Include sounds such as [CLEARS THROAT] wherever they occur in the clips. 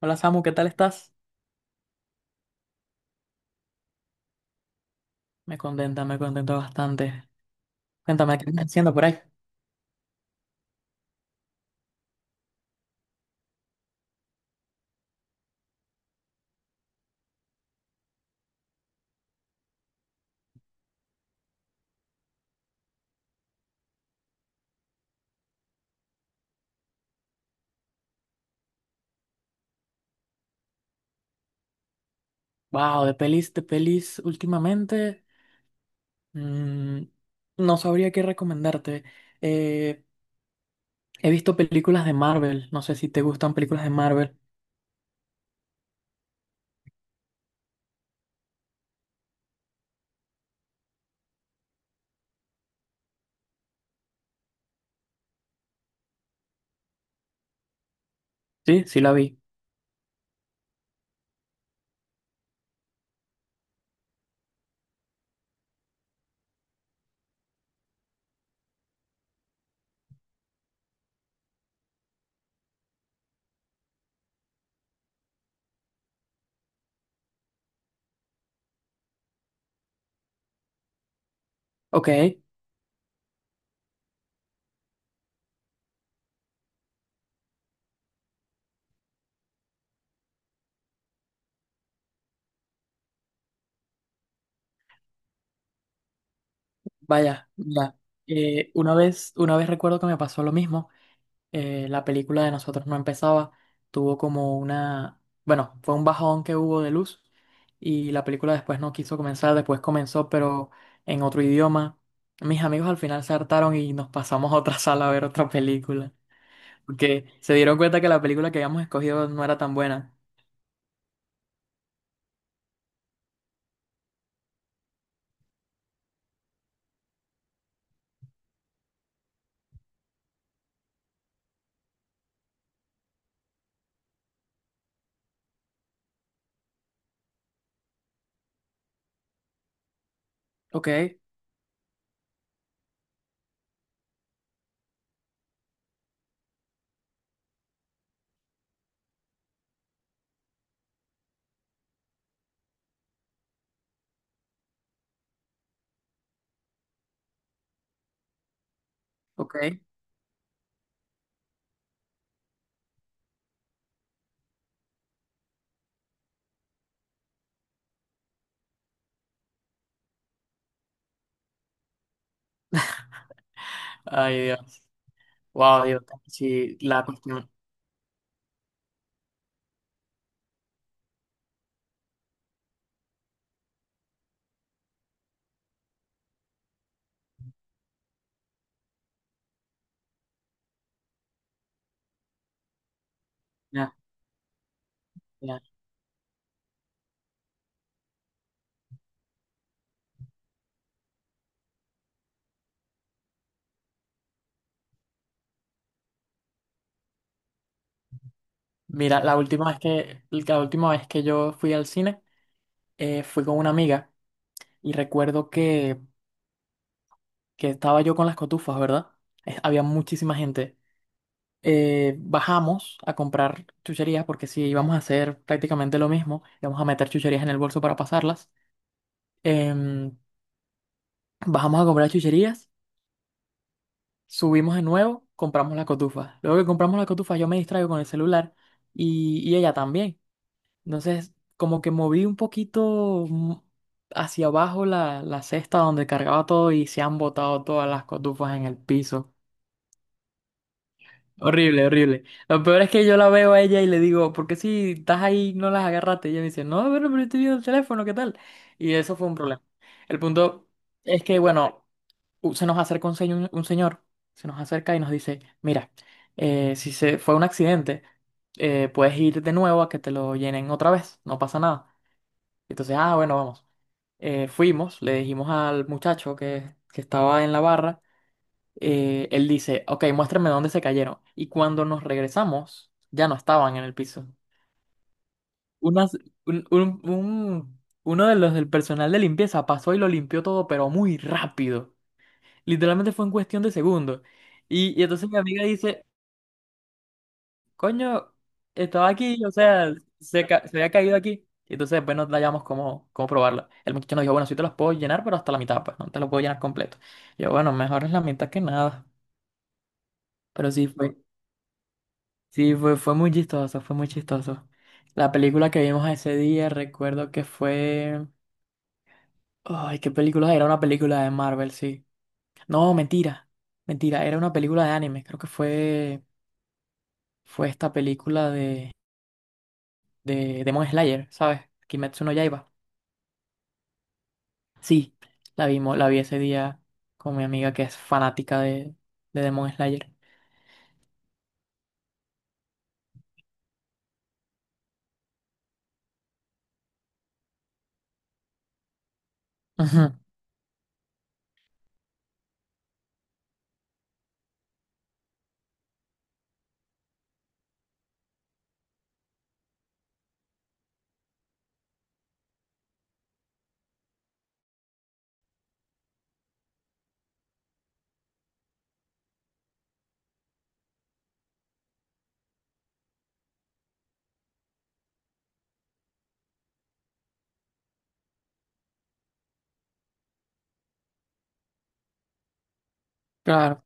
Hola Samu, ¿qué tal estás? Me contenta, me contento bastante. Cuéntame, ¿qué estás haciendo por ahí? Wow, de pelis últimamente. mm, no sabría qué recomendarte. Eh, He visto películas de Marvel. No sé si te gustan películas de Marvel. Sí, sí la vi. Ok, vaya, ya. Una vez recuerdo que me pasó lo mismo. La película de nosotros no empezaba, tuvo como una, bueno, fue un bajón que hubo de luz y la película después no quiso comenzar, después comenzó pero en otro idioma. Mis amigos al final se hartaron y nos pasamos a otra [LAUGHS] sala a ver otra película, porque se dieron cuenta que la película que habíamos escogido no era tan buena. Ok, ok. Ay, Dios. Wow, Dios. Sí, la cuestión. Ya, ya. Mira, la última vez que yo fui al cine, fui con una amiga. Y recuerdo que estaba yo con las cotufas, ¿verdad? Había muchísima gente. Bajamos a comprar chucherías porque sí, íbamos a hacer prácticamente lo mismo. Íbamos a meter chucherías en el bolso para pasarlas. Em, Bajamos a comprar chucherías, subimos de nuevo, compramos la cotufa. Luego que compramos la cotufa, yo me distraigo con el celular y ella también. Entonces, como que moví un poquito hacia abajo la cesta donde cargaba todo y se han botado todas las cotufas en el piso. Horrible, horrible. Lo peor es que yo la veo a ella y le digo, ¿por qué si estás ahí no las agarraste? Y ella me dice, no, pero estoy viendo el teléfono, ¿qué tal? Y eso fue un problema. El punto es que, bueno, se nos acerca un señor, se nos acerca y nos dice, mira, si se fue un accidente, puedes ir de nuevo a que te lo llenen otra vez, no pasa nada. Entonces, ah, bueno, vamos. Fuimos, le dijimos al muchacho que estaba en la barra él dice, ok, muéstrame dónde se cayeron. Y cuando nos regresamos, ya no estaban en el piso. Unas- uno de los del personal de limpieza pasó y lo limpió todo, pero muy rápido. Literalmente fue en cuestión de segundos. Y entonces mi amiga dice, coño, estaba aquí, o sea, se había caído aquí. Y entonces después nos hallamos cómo, cómo probarla. El muchacho nos dijo, bueno, sí te las puedo llenar, pero hasta la mitad, pues no te las puedo llenar completo. Yo, bueno, mejor es la mitad que nada. Pero sí fue. Sí, fue, fue muy chistoso, fue muy chistoso. La película que vimos ese día, recuerdo que fue... Ay, ¿qué película? Era una película de Marvel, sí. No, mentira, mentira, era una película de anime. Creo que fue, fue esta película de Demon Slayer, ¿sabes? Kimetsu no Yaiba. Sí, la vimos, la vi ese día con mi amiga que es fanática de Demon Slayer. Ujú, claro,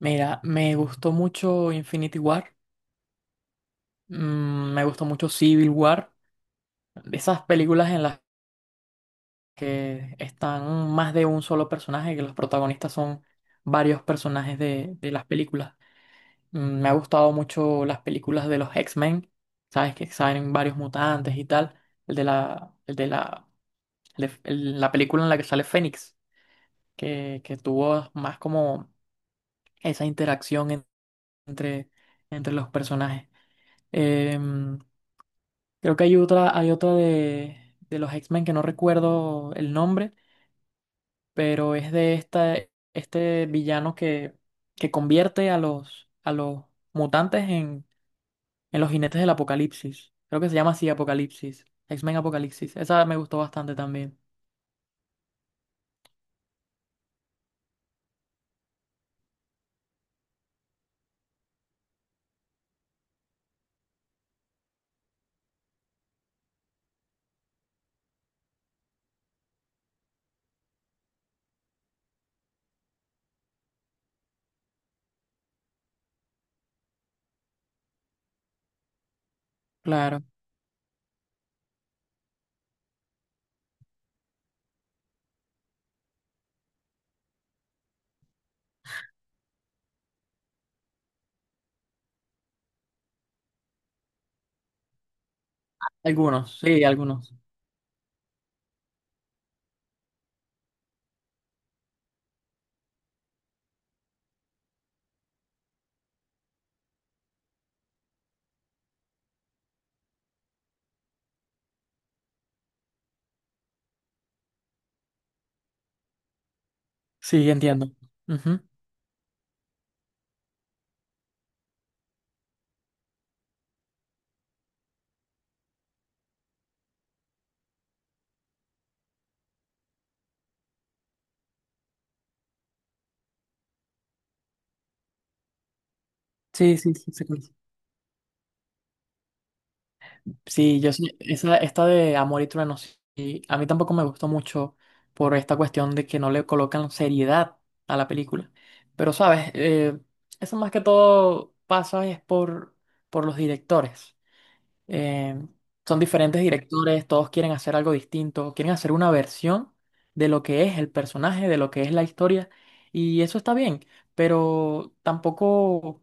mira, me gustó mucho Infinity War, me gustó mucho Civil War. De esas películas en las que están más de un solo personaje, que los protagonistas son varios personajes de las películas. Me ha gustado mucho las películas de los X-Men, sabes que salen varios mutantes y tal. El de la, el de la, el de- el- la película en la que sale Fénix, que tuvo más como esa entre, entre los personajes. Em, Creo que hay otra de los X-Men que no recuerdo el nombre pero es de esta, este villano que convierte a los mutantes en los jinetes del apocalipsis. Creo que se llama así Apocalipsis, X-Men Apocalipsis. Esa me gustó bastante también. Claro, algunos. Sí, entiendo. Ujú. Sí, sí, sí, sí. Sí. Sí, yo sí, esa, esta de Amor y Trueno, sí, a mí tampoco me gustó mucho por esta cuestión de que no le colocan seriedad a la película. Pero, ¿sabes? Eso más que todo pasa es por los directores. Eh, Son diferentes directores, todos quieren hacer algo distinto, quieren hacer una versión de lo que es el personaje, de lo que es la historia, y eso está bien, pero tampoco...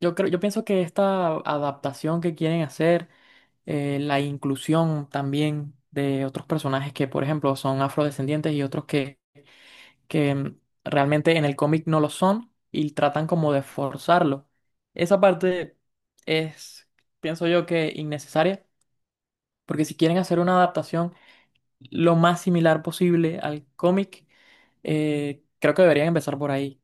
Yo creo, yo pienso que esta adaptación que quieren hacer, la inclusión también de otros personajes que, por ejemplo, son afrodescendientes y otros que realmente en el cómic no lo son y tratan como de forzarlo. Esa parte es, pienso yo, que innecesaria, porque si quieren hacer una adaptación lo más similar posible al cómic, creo que deberían empezar por ahí.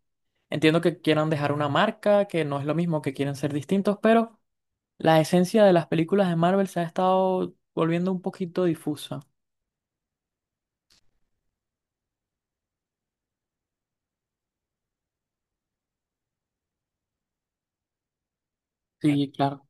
Entiendo que quieran dejar una marca, que no es lo mismo, que quieren ser distintos, pero la esencia de las películas de Marvel se ha estado volviendo un poquito difusa. Sí, claro.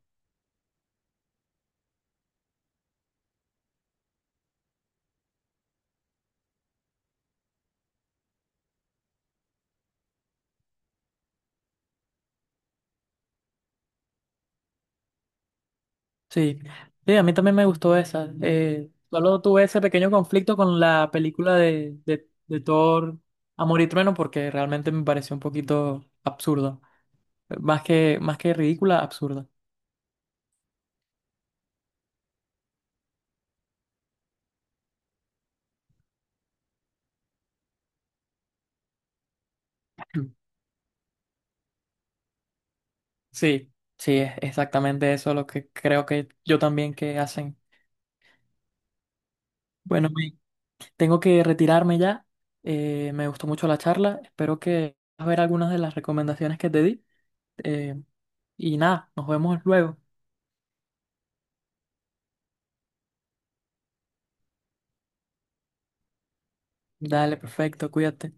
Sí, sí, a mí también me gustó esa. Solo tuve ese pequeño conflicto con la película de Thor, Amor y Trueno, porque realmente me pareció un poquito absurda. Más que ridícula, absurda. [CLEARS THROAT] Sí, sí, es exactamente eso lo que creo que yo también que hacen. Bueno, tengo que retirarme ya. Me gustó mucho la charla. Espero que puedas ver algunas de las recomendaciones que te di. Eh, y nada, nos vemos luego. Dale, perfecto, cuídate.